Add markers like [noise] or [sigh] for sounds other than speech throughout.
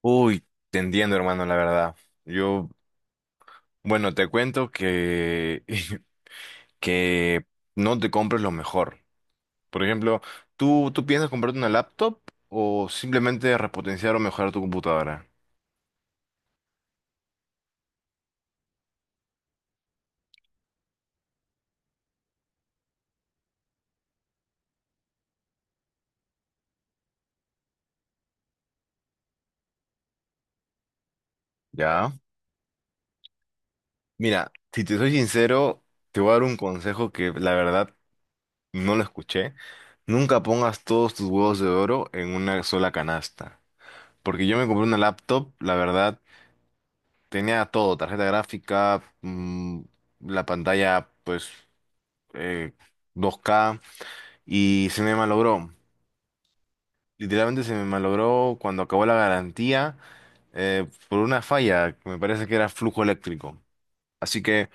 Uy, te entiendo, hermano, la verdad. Yo, bueno, te cuento que, [laughs] que no te compres lo mejor. Por ejemplo, ¿tú piensas comprarte una laptop o simplemente repotenciar o mejorar tu computadora? ¿Ya? Mira, si te soy sincero, te voy a dar un consejo que la verdad no lo escuché. Nunca pongas todos tus huevos de oro en una sola canasta. Porque yo me compré una laptop, la verdad tenía todo, tarjeta gráfica, la pantalla, pues, eh, 2K, y se me malogró. Literalmente se me malogró cuando acabó la garantía, por una falla, que me parece que era flujo eléctrico. Así que,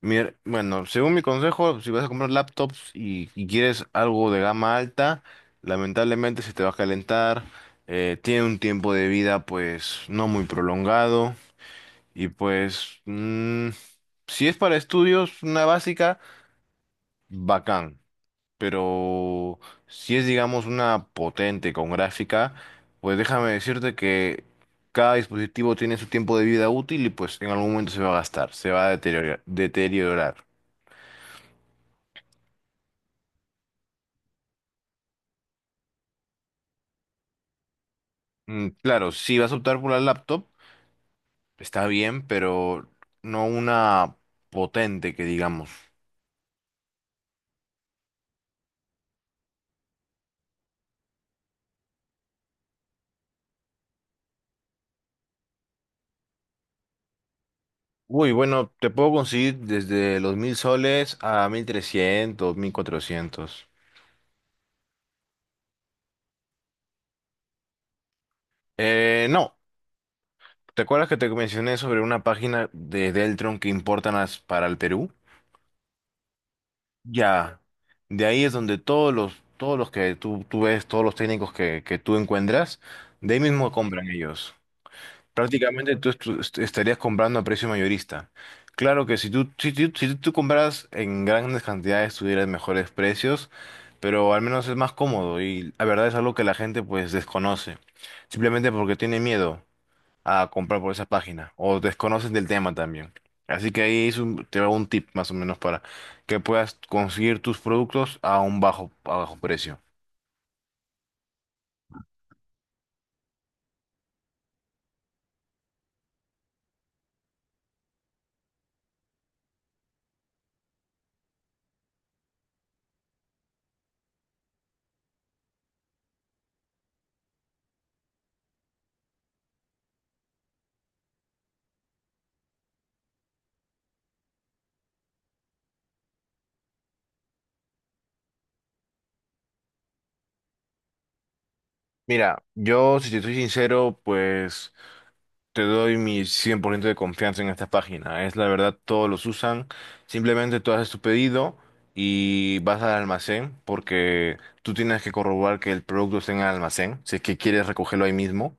bueno, según mi consejo, si vas a comprar laptops y quieres algo de gama alta, lamentablemente se te va a calentar, tiene un tiempo de vida, pues, no muy prolongado. Y pues, mm, si es para estudios, una básica, bacán. Pero si es, digamos, una potente con gráfica, pues déjame decirte que cada dispositivo tiene su tiempo de vida útil y pues en algún momento se va a gastar, se va a deteriorar, deteriorar. Mm, claro, si vas a optar por la laptop, está bien, pero no una potente que digamos. Uy, bueno, te puedo conseguir desde los 1000 soles a 1300, 1400. No, ¿te acuerdas que te mencioné sobre una página de Deltron que importan para el Perú? Ya, de ahí es donde todos los que tú ves, todos los técnicos que tú encuentras, de ahí mismo compran ellos. Prácticamente tú estarías comprando a precio mayorista. Claro que si tú compras en grandes cantidades, tuvieras mejores precios. Pero al menos es más cómodo y la verdad es algo que la gente pues desconoce, simplemente porque tiene miedo a comprar por esa página o desconocen del tema también. Así que ahí es te va un tip más o menos para que puedas conseguir tus productos a un bajo, a bajo precio. Mira, yo si te soy sincero, pues te doy mi 100% de confianza en esta página. Es la verdad, todos los usan. Simplemente tú haces tu pedido y vas al almacén porque tú tienes que corroborar que el producto esté en el almacén, si es que quieres recogerlo ahí mismo.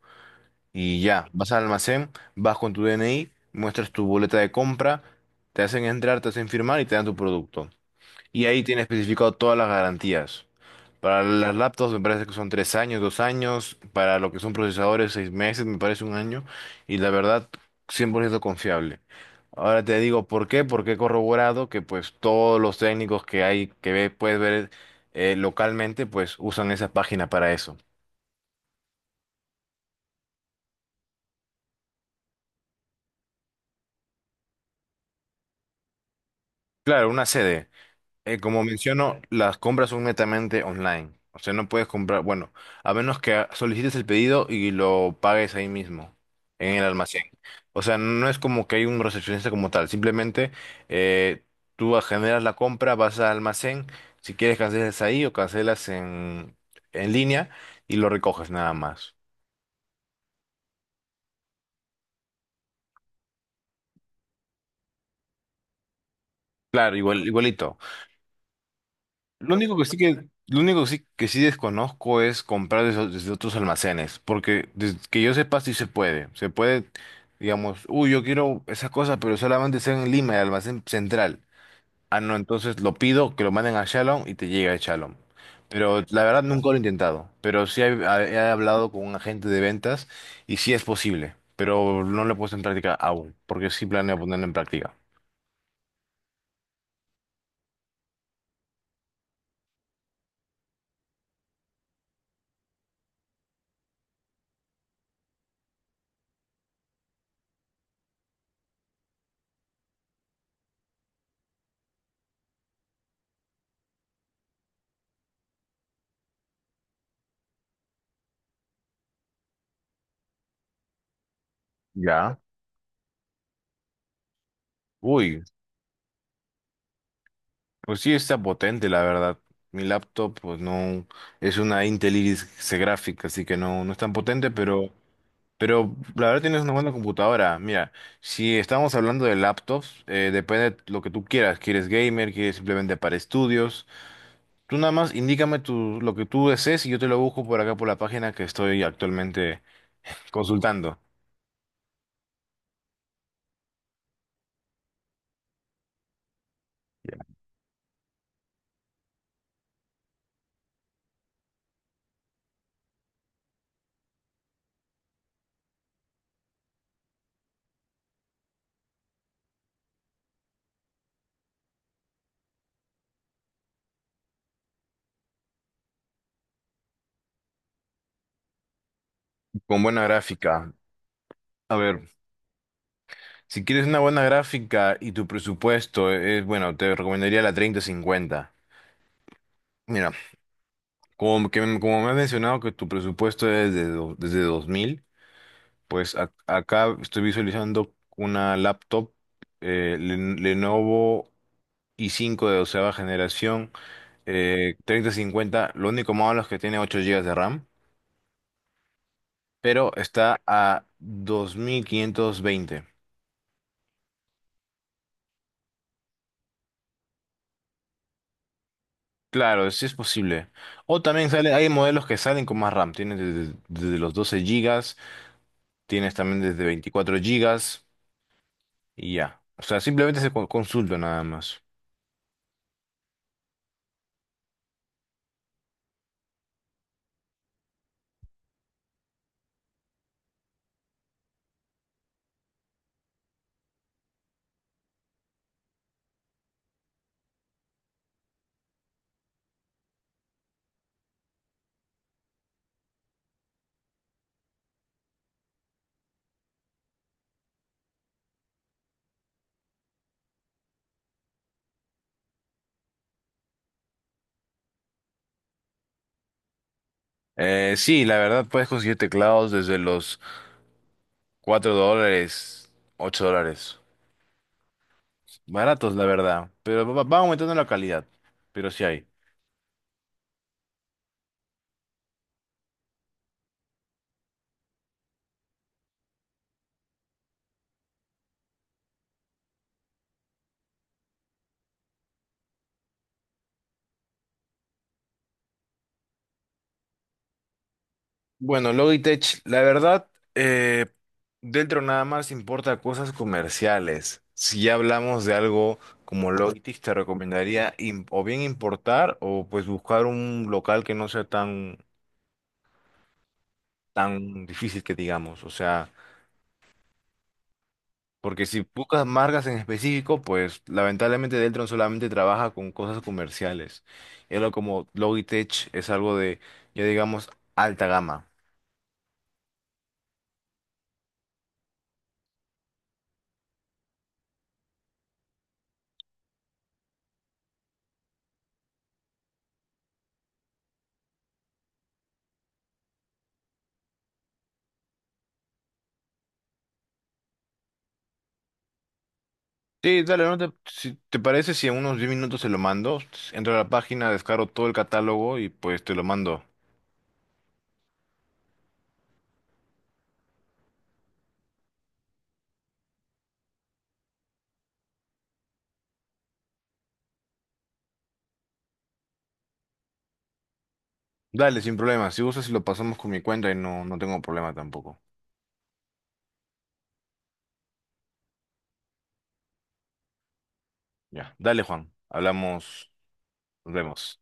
Y ya, vas al almacén, vas con tu DNI, muestras tu boleta de compra, te hacen entrar, te hacen firmar y te dan tu producto. Y ahí tiene especificado todas las garantías. Para las laptops me parece que son 3 años, 2 años. Para lo que son procesadores, 6 meses, me parece 1 año. Y la verdad, 100% confiable. Ahora te digo por qué, porque he corroborado que pues todos los técnicos que hay, que puedes ver localmente, pues usan esa página para eso. Claro, una sede. Como menciono, las compras son netamente online. O sea, no puedes comprar, bueno, a menos que solicites el pedido y lo pagues ahí mismo, en el almacén. O sea, no es como que hay un recepcionista como tal. Simplemente eh, tú generas la compra, vas al almacén, si quieres cancelas ahí o cancelas en línea y lo recoges nada más. Claro, igual, igualito. Lo único que sí que, lo único que sí desconozco es comprar desde otros almacenes, porque desde que yo sepa sí se puede. Se puede, digamos, uy, yo quiero esa cosa, pero solamente está en Lima, el almacén central. Ah, no, entonces lo pido, que lo manden a Shalom y te llega a Shalom. Pero la verdad nunca lo he intentado, pero sí he hablado con un agente de ventas y sí es posible, pero no lo he puesto en práctica aún, porque sí planeo ponerlo en práctica. Ya. Uy. Pues sí, está potente, la verdad. Mi laptop, pues no, es una Intel Iris C gráfica, así que no, no es tan potente, pero la verdad tienes una buena computadora. Mira, si estamos hablando de laptops, depende de lo que tú quieras. ¿Quieres gamer? ¿Quieres simplemente para estudios? Tú nada más indícame tu, lo que tú desees y yo te lo busco por acá por la página que estoy actualmente consultando. Ya. Con buena gráfica. A ver, si quieres una buena gráfica y tu presupuesto es, bueno, te recomendaría la treinta cincuenta. Mira, como, que, como me has mencionado que tu presupuesto es de desde 2000, pues acá estoy visualizando una laptop Lenovo i5 de doceava generación, 3050, lo único malo es que tiene 8 gigas de RAM, pero está a 2520. Claro, sí es posible. O también sale, hay modelos que salen con más RAM, tienes desde los 12 gigas, tienes también desde 24 gigas. Y ya. O sea, simplemente se consulta nada más. Sí, la verdad puedes conseguir teclados desde los $4, $8. Baratos, la verdad. Pero va aumentando la calidad. Pero sí hay. Bueno, Logitech, la verdad, eh, dentro nada más importa cosas comerciales. Si ya hablamos de algo como Logitech, te recomendaría o bien importar o pues buscar un local que no sea tan, tan difícil que digamos. O sea. Porque si buscas marcas en específico, pues lamentablemente Deltron solamente trabaja con cosas comerciales. Y algo como Logitech es algo de, ya digamos, alta gama. Sí, dale, no te, si te parece, si en unos 10 minutos se lo mando, entro a la página, descargo todo el catálogo y pues te lo mando. Dale, sin problema. Si gustas, lo pasamos con mi cuenta y no, no tengo problema tampoco. Ya, dale, Juan. Hablamos, nos vemos.